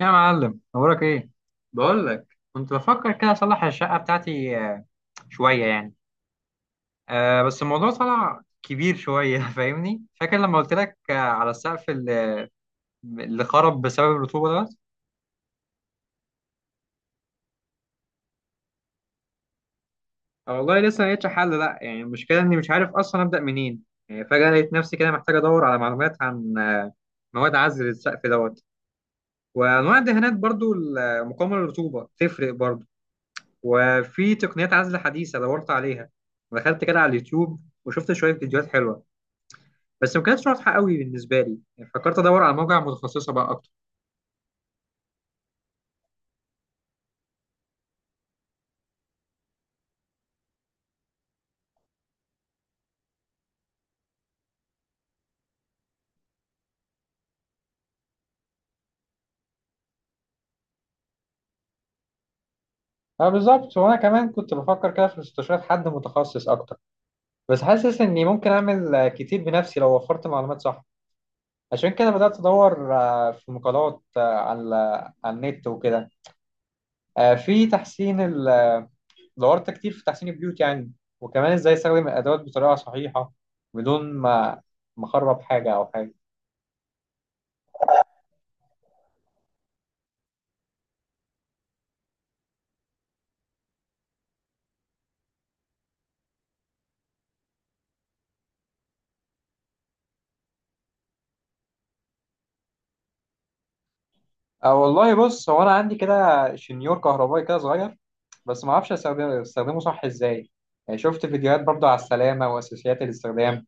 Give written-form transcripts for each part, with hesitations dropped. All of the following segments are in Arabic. يا معلم اخبارك ايه؟ بقول لك، كنت بفكر كده اصلح الشقه بتاعتي، شويه يعني. أه بس الموضوع طلع كبير شويه فاهمني؟ فاكر لما قلت لك على السقف اللي خرب بسبب الرطوبه دوت؟ آه، والله لسه ما لقيتش حل. لا يعني المشكله اني مش عارف اصلا ابدا منين. يعني فجاه لقيت نفسي كده محتاج ادور على معلومات عن مواد عزل السقف دوت، وانواع الدهانات برضو مقاومه للرطوبه تفرق برضو، وفي تقنيات عزل حديثه دورت عليها. دخلت كده على اليوتيوب وشفت شويه فيديوهات حلوه، بس ما كانتش واضحه قوي بالنسبه لي، يعني فكرت ادور على موجع متخصصه بقى اكتر. اه بالظبط، وانا كمان كنت بفكر كده في استشارة حد متخصص اكتر، بس حاسس اني ممكن اعمل كتير بنفسي لو وفرت معلومات صح. عشان كده بدأت ادور في مقالات على على النت وكده. آه، في تحسين ال... آه، دورت كتير في تحسين البيوت يعني، وكمان ازاي استخدم الادوات بطريقة صحيحة بدون ما اخرب حاجة او حاجة. أه والله بص، هو أنا عندي كده شنيور كهربائي كده صغير، بس ما أستخدمه صح إزاي. يعني شفت فيديوهات برضه على السلامة وأساسيات الاستخدام،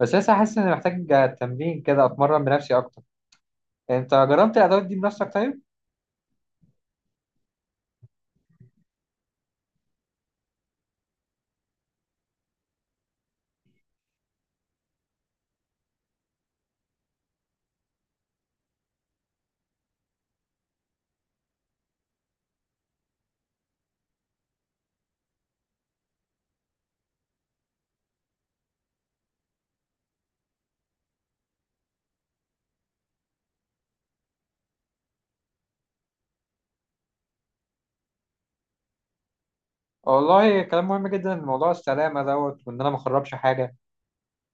بس لسه حاسس إني محتاج تمرين كده أتمرن بنفسي أكتر. أنت جربت الأدوات دي بنفسك طيب؟ والله كلام مهم جدا، موضوع السلامة دوت وإن أنا ما أخربش حاجة.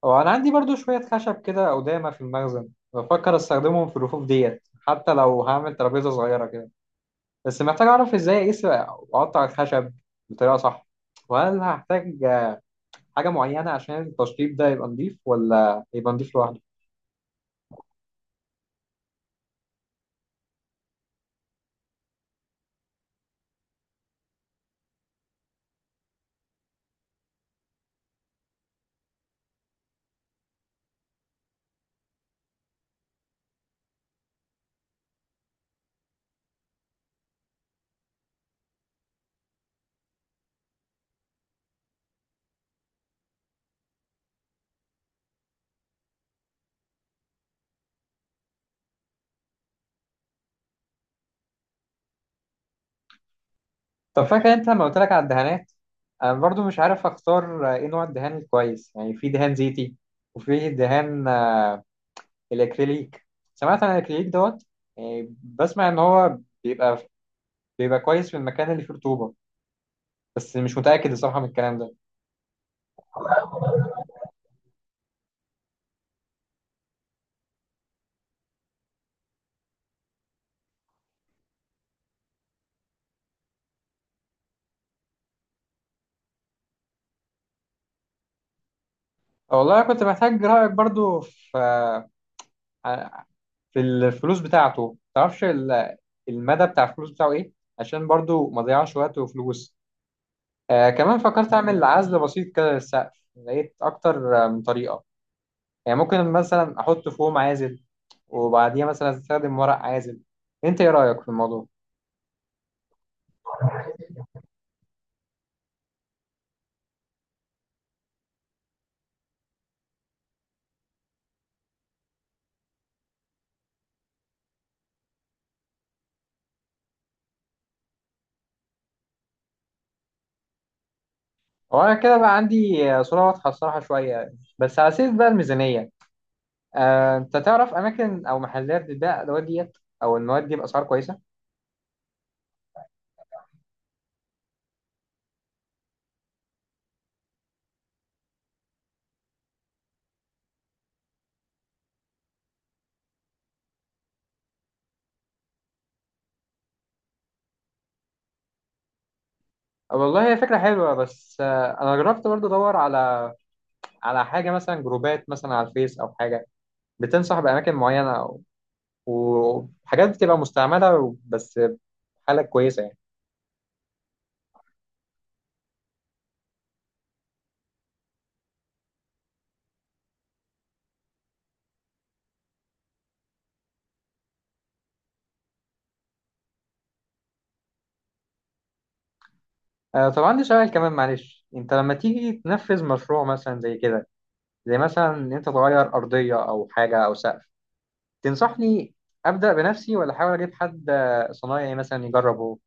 هو أنا عندي برضه شوية خشب كده أو دايمة في المخزن، بفكر أستخدمهم في الرفوف ديت، حتى لو هعمل ترابيزة صغيرة كده. بس محتاج أعرف إزاي أقيس وأقطع الخشب بطريقة صح، وهل هحتاج حاجة معينة عشان التشطيب ده يبقى نضيف، ولا يبقى نضيف لوحده؟ طب فاكر أنت لما قلت لك على الدهانات؟ أنا برضو مش عارف أختار إيه نوع الدهان الكويس. يعني في دهان زيتي، وفي دهان الأكريليك. سمعت عن الأكريليك دوت، يعني بسمع إن هو بيبقى بيبقى كويس في المكان اللي فيه رطوبة، بس مش متأكد الصراحة من الكلام ده. والله أنا كنت محتاج رأيك برضو في آه، في الفلوس بتاعته. ما تعرفش المدى بتاع الفلوس بتاعه ايه؟ عشان برضو ما اضيعش وقت وفلوس. آه كمان فكرت اعمل عزل بسيط كده للسقف، لقيت اكتر من طريقه. يعني ممكن مثلا احط فوم عازل، وبعديها مثلا استخدم ورق عازل. انت ايه رايك في الموضوع؟ هو انا كده بقى عندي صوره واضحه الصراحه شويه. بس على سيرة بقى الميزانيه، آه انت تعرف اماكن او محلات بتبيع الادوات ديت او المواد دي باسعار كويسه؟ والله هي فكره حلوه، بس آه انا جربت برضو ادور على على حاجة مثلا جروبات مثلا على الفيس أو حاجة. بتنصح بأماكن معينة أو- وحاجات بتبقى مستعملة بس حالة كويسة يعني. طب عندي سؤال كمان معلش، أنت لما تيجي تنفذ مشروع مثلا زي كده، زي مثلا إن أنت تغير أرضية أو حاجة أو سقف، تنصحني أبدأ بنفسي ولا أحاول أجيب حد صنايعي مثلا يجربه؟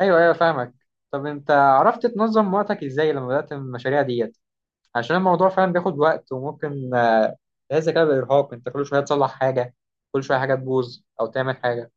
أيوه أيوه فاهمك. طب أنت عرفت تنظم وقتك إزاي لما بدأت المشاريع ديت؟ عشان الموضوع فعلا بياخد وقت وممكن ده الذكاء بالإرهاق. أنت كل شوية تصلح حاجة، كل شوية حاجة تبوظ أو تعمل حاجة.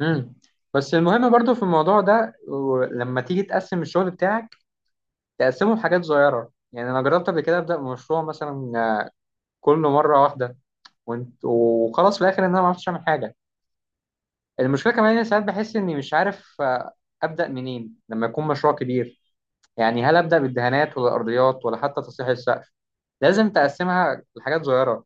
امم بس المهم برضو في الموضوع ده لما تيجي تقسم الشغل بتاعك، تقسمه لحاجات صغيرة. يعني أنا جربت قبل كده أبدأ مشروع مثلا كله مرة واحدة، وانت وخلاص في الآخر إن أنا ما عرفتش أعمل حاجة. المشكلة كمان إن ساعات بحس إني مش عارف أبدأ منين لما يكون مشروع كبير. يعني هل أبدأ بالدهانات ولا الأرضيات ولا حتى تصليح السقف؟ لازم تقسمها لحاجات صغيرة.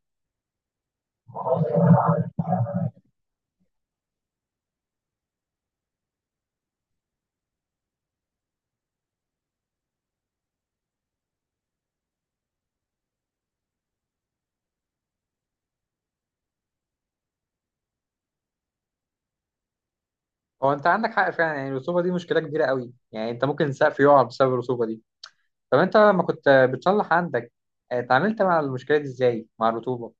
هو انت عندك حق فعلا، يعني الرسوبه دي مشكله كبيره قوي، يعني انت ممكن سقف يقع بسبب الرسوبه دي. طب انت لما كنت بتصلح عندك اتعاملت مع المشكله دي ازاي مع الرطوبه؟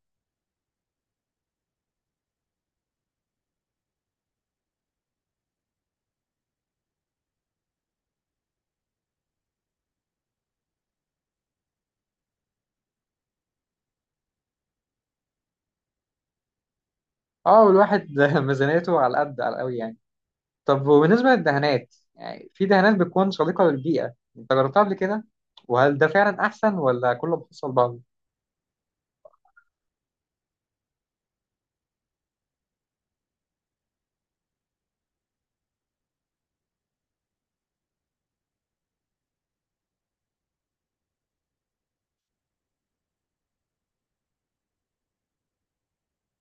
اه والواحد ميزانيته على قد على قوي يعني. طب وبالنسبه للدهانات، يعني في دهانات بتكون صديقه للبيئه، انت جربتها قبل كده؟ وهل ده فعلا احسن ولا كله بيحصل بعضه؟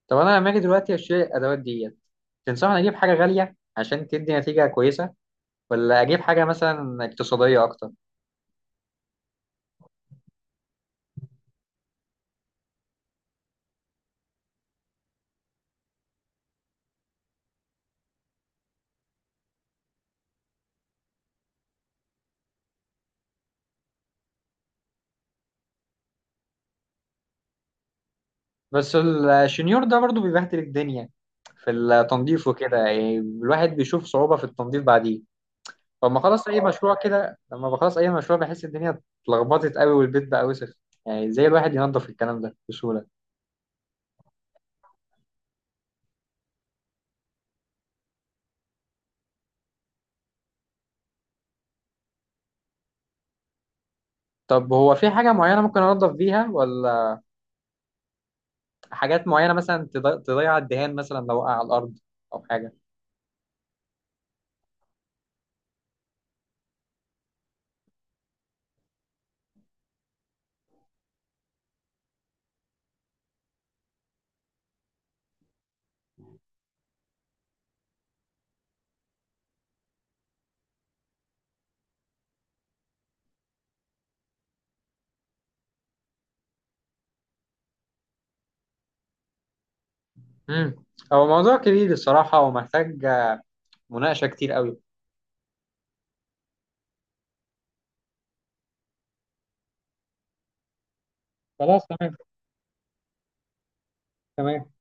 طب انا لما اجي دلوقتي اشتري الادوات ديت، تنصحني اجيب حاجه غاليه عشان تدي نتيجه كويسه، ولا اجيب حاجه مثلا اقتصاديه اكتر؟ بس الشنيور ده برضو بيبهدل الدنيا في التنظيف وكده، يعني الواحد بيشوف صعوبة في التنظيف بعديه. فلما خلص أي مشروع كده لما بخلص أي مشروع بحس الدنيا اتلخبطت قوي والبيت بقى وسخ. يعني زي الواحد ينظف الكلام ده بسهولة؟ طب هو في حاجة معينة ممكن أنظف بيها، ولا حاجات معينة مثلا تضيع الدهان مثلا لو وقع على الأرض أو حاجة؟ امم، هو موضوع كبير الصراحة ومحتاج مناقشة كتير قوي. خلاص تمام، تمام.